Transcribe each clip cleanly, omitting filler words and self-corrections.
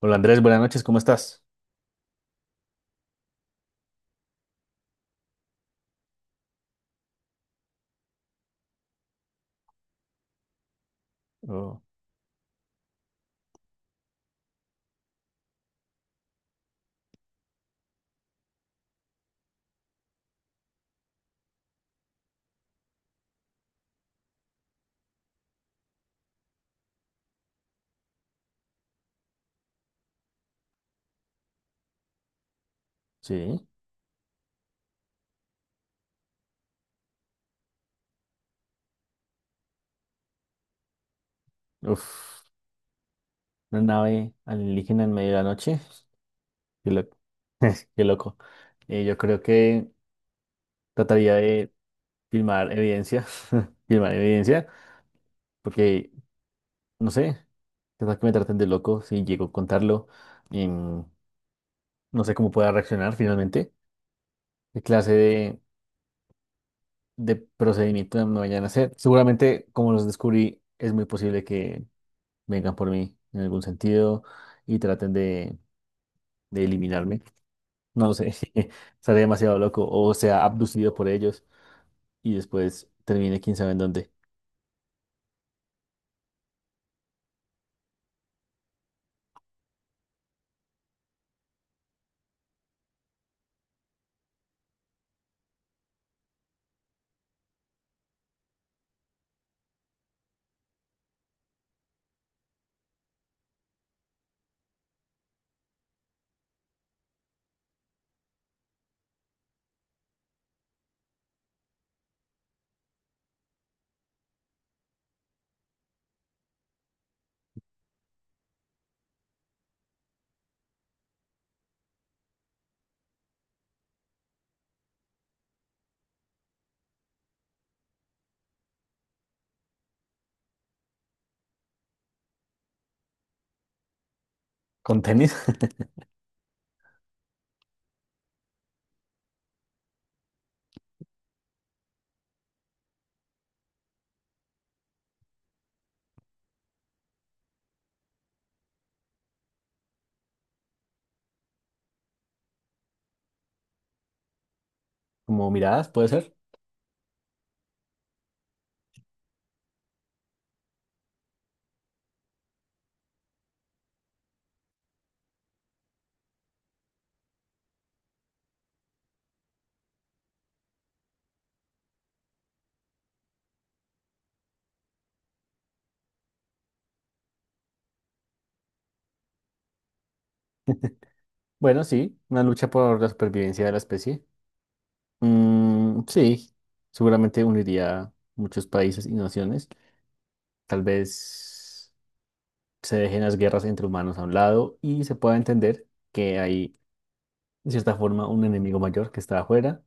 Hola Andrés, buenas noches, ¿cómo estás? Oh, sí, uf, una nave alienígena en medio de la noche, qué loco, qué loco. Yo creo que trataría de filmar evidencia, filmar evidencia, porque no sé, quizás que me traten de loco si llego a contarlo, em, no sé cómo pueda reaccionar finalmente, qué clase de procedimiento me vayan a hacer. Seguramente, como los descubrí, es muy posible que vengan por mí en algún sentido y traten de eliminarme. No sé, estaré demasiado loco o sea abducido por ellos y después termine quién sabe en dónde. Con tenis, como miradas, puede ser. Bueno, sí, una lucha por la supervivencia de la especie. Mm, sí, seguramente uniría muchos países y naciones. Tal vez se dejen las guerras entre humanos a un lado y se pueda entender que hay, de cierta forma, un enemigo mayor que está afuera.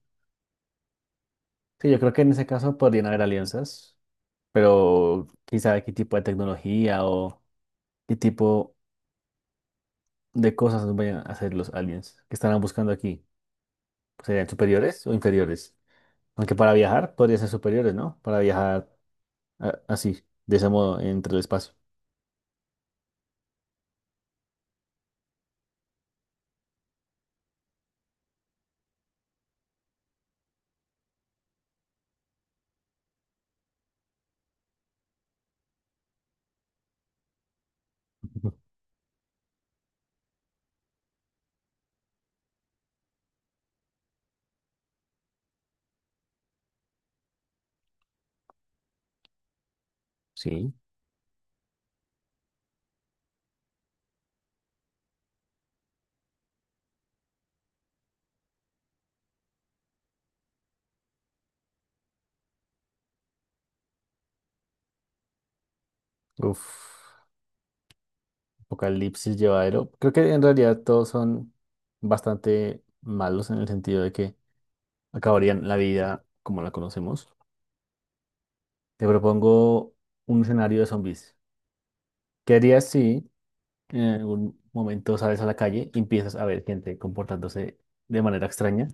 Sí, yo creo que en ese caso podrían haber alianzas. Pero quién sabe qué tipo de tecnología o qué tipo de cosas nos vayan a hacer los aliens que estarán buscando aquí. ¿Serían superiores o inferiores? Aunque para viajar podría ser superiores, ¿no? Para viajar a- así, de ese modo, entre el espacio. Ujú. Sí. Uf, apocalipsis llevadero. Creo que en realidad todos son bastante malos en el sentido de que acabarían la vida como la conocemos. Te propongo un escenario de zombies. ¿Qué harías si en algún momento sales a la calle y empiezas a ver gente comportándose de manera extraña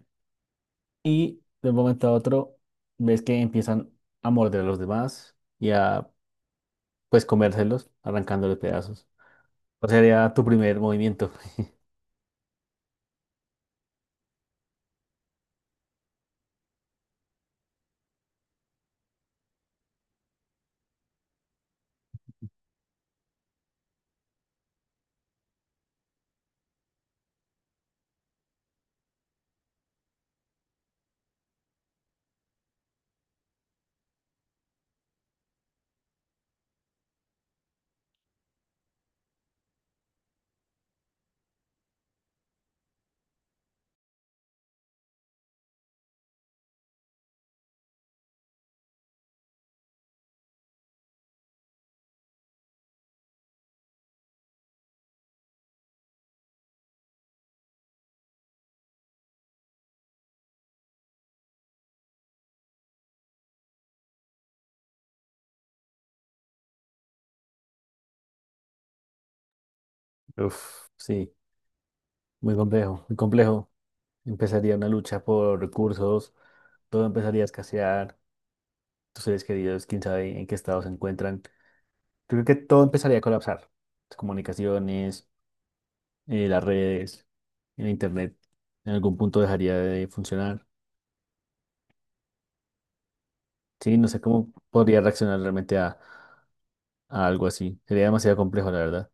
y de un momento a otro ves que empiezan a morder a los demás y a pues comérselos, arrancándoles pedazos? ¿Cuál sería tu primer movimiento? Uf, sí, muy complejo, muy complejo. Empezaría una lucha por recursos, todo empezaría a escasear, tus seres queridos, quién sabe en qué estado se encuentran. Yo creo que todo empezaría a colapsar. Las comunicaciones, las redes, el internet, en algún punto dejaría de funcionar. Sí, no sé cómo podría reaccionar realmente a algo así. Sería demasiado complejo, la verdad.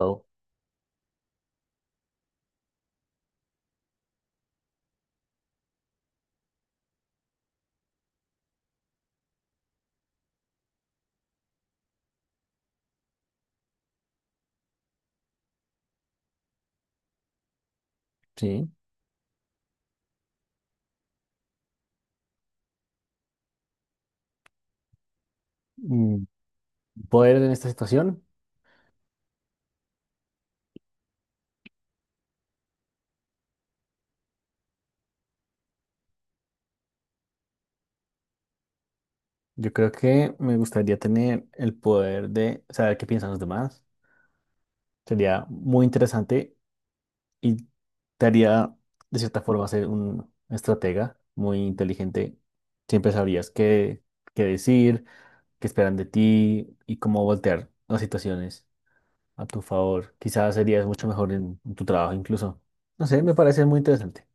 Wow. Sí. Mm, poder en esta situación, yo creo que me gustaría tener el poder de saber qué piensan los demás. Sería muy interesante. Y te haría, de cierta forma, ser un estratega muy inteligente. Siempre sabrías qué, qué decir, qué esperan de ti y cómo voltear las situaciones a tu favor. Quizás serías mucho mejor en tu trabajo incluso. No sé, me parece muy interesante.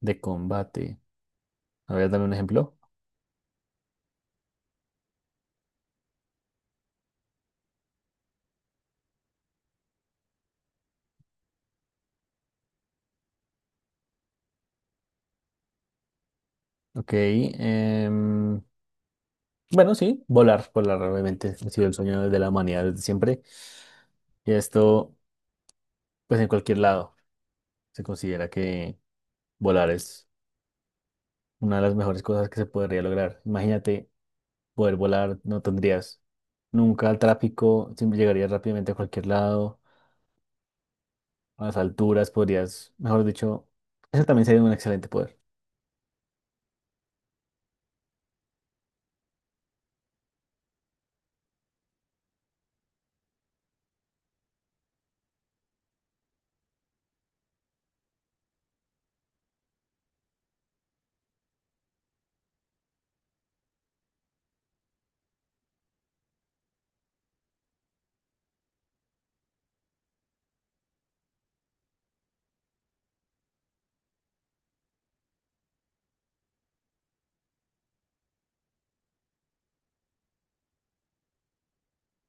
De combate. A ver, dame un ejemplo. Ok. Bueno, sí, volar. Volar obviamente ha sido el sueño de la humanidad desde siempre. Y esto, pues en cualquier lado, se considera que volar es una de las mejores cosas que se podría lograr. Imagínate poder volar, no tendrías nunca el tráfico, siempre llegarías rápidamente a cualquier lado, a las alturas podrías, mejor dicho, eso también sería un excelente poder.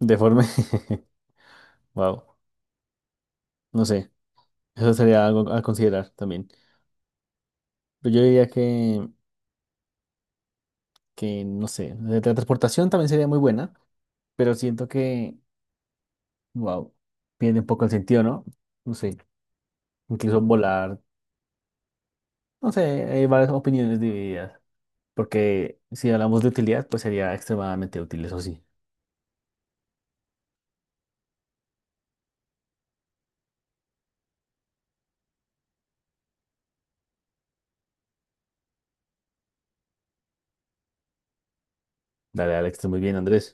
Deforme, wow, no sé, eso sería algo a considerar también. Pero yo diría que no sé, la transportación también sería muy buena, pero siento que, wow, pierde un poco el sentido, ¿no? No sé, incluso volar, no sé, hay varias opiniones divididas. Porque si hablamos de utilidad, pues sería extremadamente útil, eso sí. Dale al extra muy bien, Andrés.